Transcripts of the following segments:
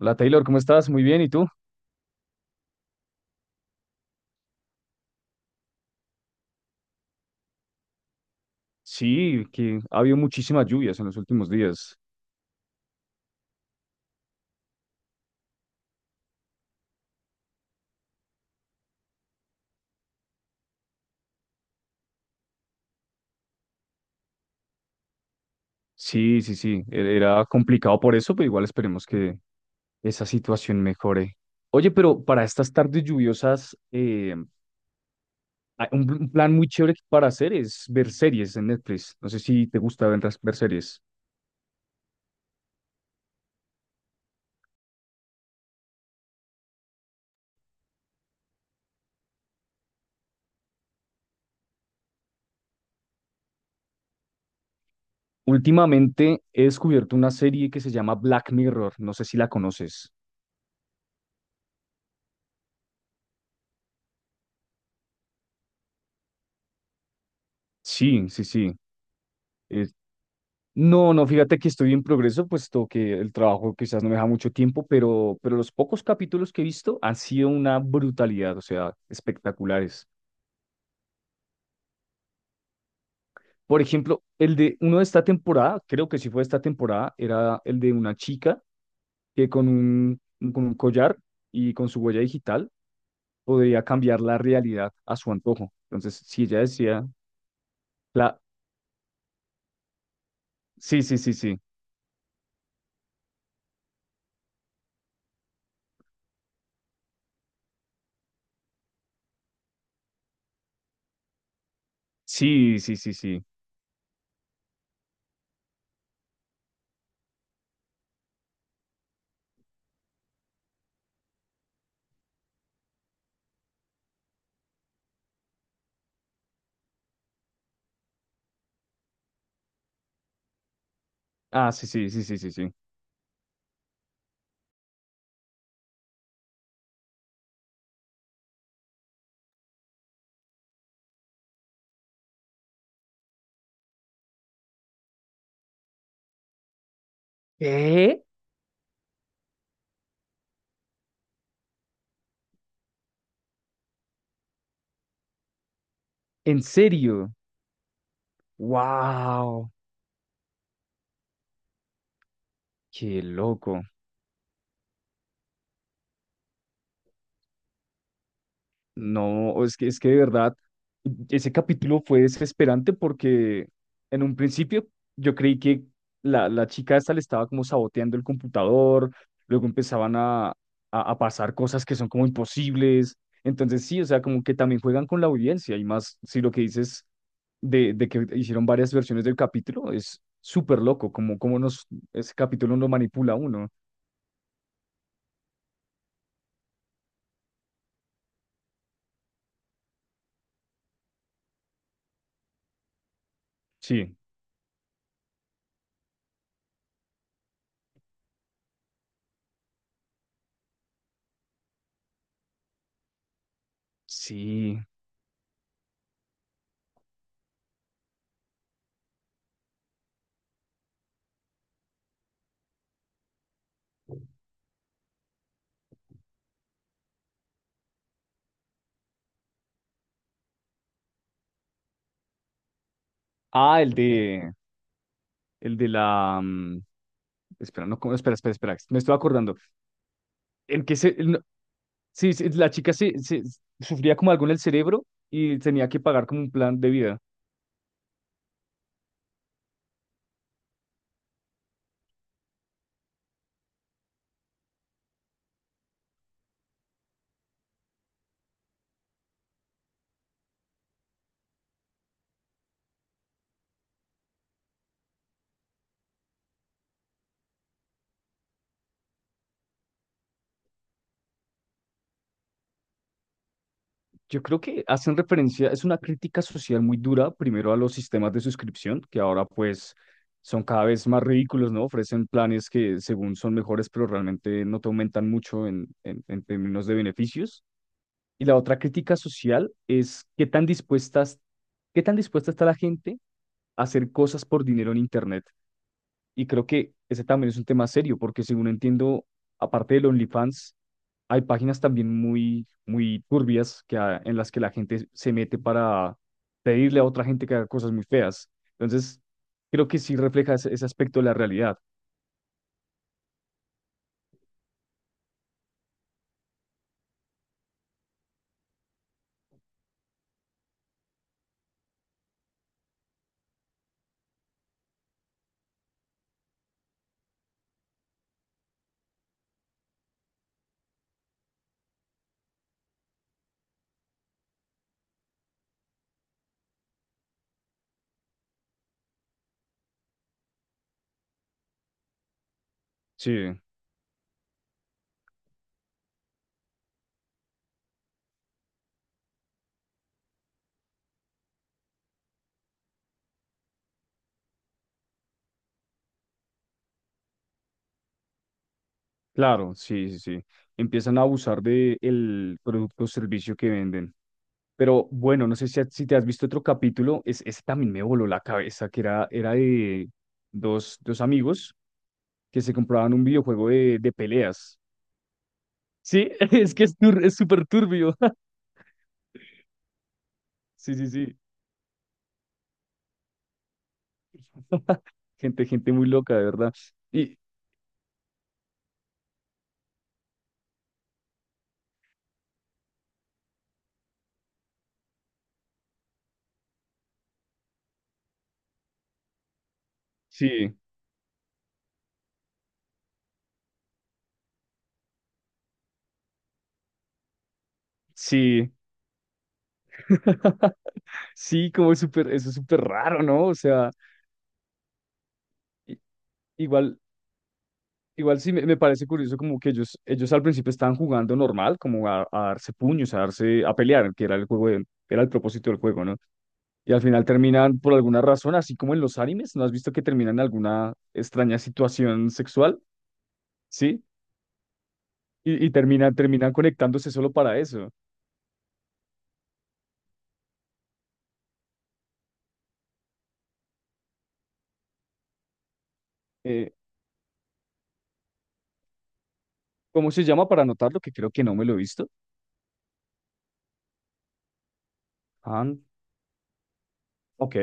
Hola Taylor, ¿cómo estás? Muy bien, ¿y tú? Sí, que ha habido muchísimas lluvias en los últimos días. Sí, sí, sí, era complicado por eso, pero igual esperemos que esa situación mejore. Oye, pero para estas tardes lluviosas, hay un plan muy chévere para hacer es ver series en Netflix. No sé si te gusta ver series. Últimamente he descubierto una serie que se llama Black Mirror, no sé si la conoces. Sí, sí, sí. No, no, fíjate que estoy en progreso, puesto que el trabajo quizás no me deja mucho tiempo, pero los pocos capítulos que he visto han sido una brutalidad, o sea, espectaculares. Por ejemplo, el de uno de esta temporada, creo que sí fue esta temporada, era el de una chica que con un collar y con su huella digital podría cambiar la realidad a su antojo. Entonces, si ella decía, la... sí, sí, sí, sí, sí, sí, sí, sí, ah, sí, sí, sí, sí, sí, sí. ¿Qué? ¿En serio? ¡Wow! Qué loco. No, es que de verdad, ese capítulo fue desesperante porque en un principio yo creí que la chica esta le estaba como saboteando el computador, luego empezaban a pasar cosas que son como imposibles. Entonces sí, o sea, como que también juegan con la audiencia y más si lo que dices de que hicieron varias versiones del capítulo es súper loco, como nos, ese capítulo lo manipula a uno. Sí, sí. Ah, el de... El de la. Mm, espera, no, ¿cómo? Espera, espera, espera. Me estoy acordando. El que se. El no- sí, sí, la chica sufría como algo en el cerebro y tenía que pagar como un plan de vida. Yo creo que hacen referencia, es una crítica social muy dura, primero a los sistemas de suscripción, que ahora pues son cada vez más ridículos, ¿no? Ofrecen planes que según son mejores, pero realmente no te aumentan mucho en términos de beneficios. Y la otra crítica social es qué tan dispuestas, qué tan dispuesta está la gente hacer cosas por dinero en Internet. Y creo que ese también es un tema serio, porque según entiendo, aparte del OnlyFans, hay páginas también muy turbias que, en las que la gente se mete para pedirle a otra gente que haga cosas muy feas. Entonces, creo que sí refleja ese, ese aspecto de la realidad. Sí, claro, sí, sí, sí. Empiezan a abusar de el producto o servicio que venden. Pero bueno, no sé si, si te has visto otro capítulo, es, ese también me voló la cabeza, que era, era de dos amigos que se compraban un videojuego de peleas. Sí, es que es súper turbio. Sí, sí, sí. Gente, gente muy loca, de verdad. Y sí, sí. Sí, como es súper, eso es súper raro, ¿no? O sea, i- igual Igual sí me parece curioso como que ellos al principio estaban jugando normal, como a darse puños, a darse, a pelear, que era el juego de- era el propósito del juego, ¿no? Y al final terminan por alguna razón, así como en los animes, ¿no has visto que terminan en alguna extraña situación sexual? ¿Sí? Y terminan conectándose solo para eso. Eh, ¿Cómo se llama para anotarlo? Que creo que no me lo he visto. Ah, ok,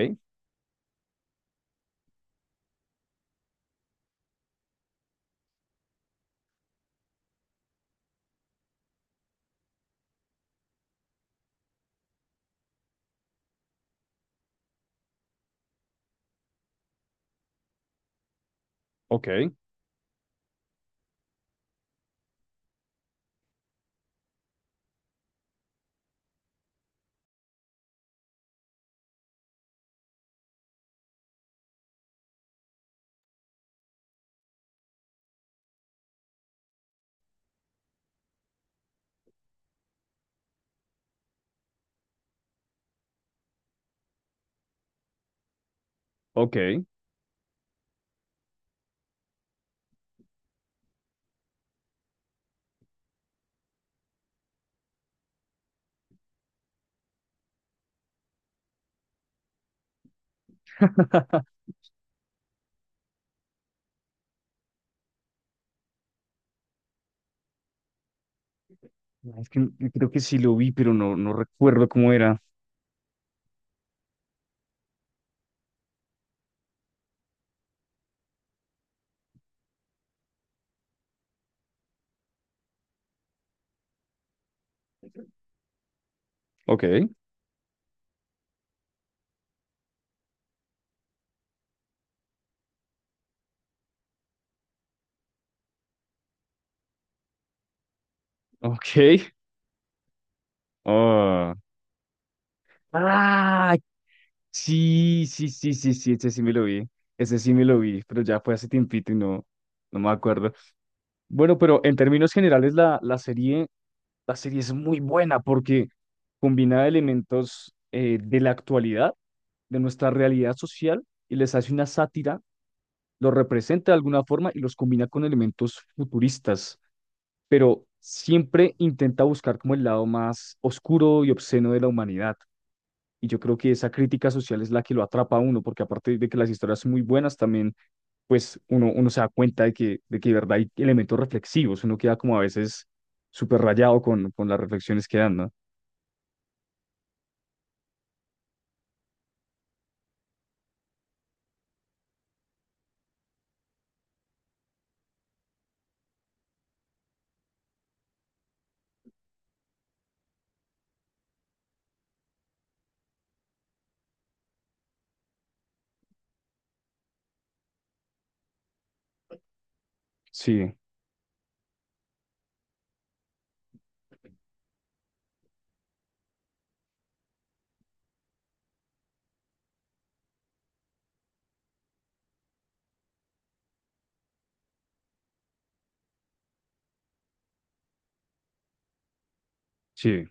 ok, ok. Es que creo que sí lo vi, pero no, no recuerdo cómo era. Ok. Ok. Oh. Ah, sí, sí, sí, sí, sí, ese sí me lo vi. Ese sí me lo vi, pero ya fue hace tiempito y no, no me acuerdo. Bueno, pero en términos generales la serie es muy buena porque combina elementos de la actualidad, de nuestra realidad social y les hace una sátira, los representa de alguna forma y los combina con elementos futuristas, pero siempre intenta buscar como el lado más oscuro y obsceno de la humanidad. Y yo creo que esa crítica social es la que lo atrapa a uno, porque aparte de que las historias son muy buenas, también pues uno se da cuenta de de que de verdad hay elementos reflexivos, uno queda como a veces súper rayado con las reflexiones que dan, ¿no? Sí, sí,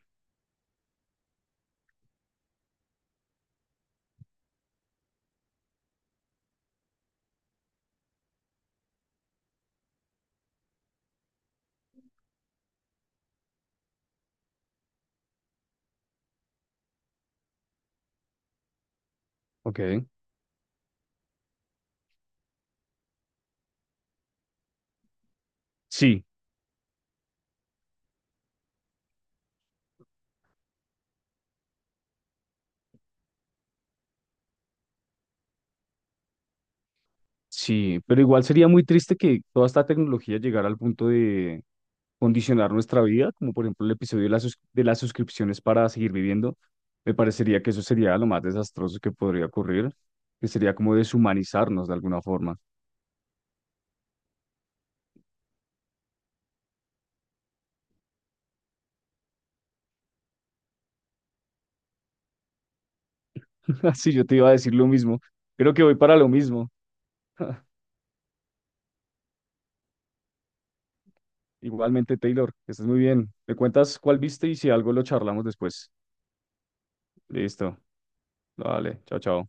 ok. Sí, sí, pero igual sería muy triste que toda esta tecnología llegara al punto de condicionar nuestra vida, como por ejemplo el episodio de las suscripciones para seguir viviendo. Me parecería que eso sería lo más desastroso que podría ocurrir, que sería como deshumanizarnos de alguna forma. Sí, yo te iba a decir lo mismo. Creo que voy para lo mismo. Igualmente, Taylor, que estés muy bien. Me cuentas cuál viste y si algo lo charlamos después. Listo. Vale, chao, chao.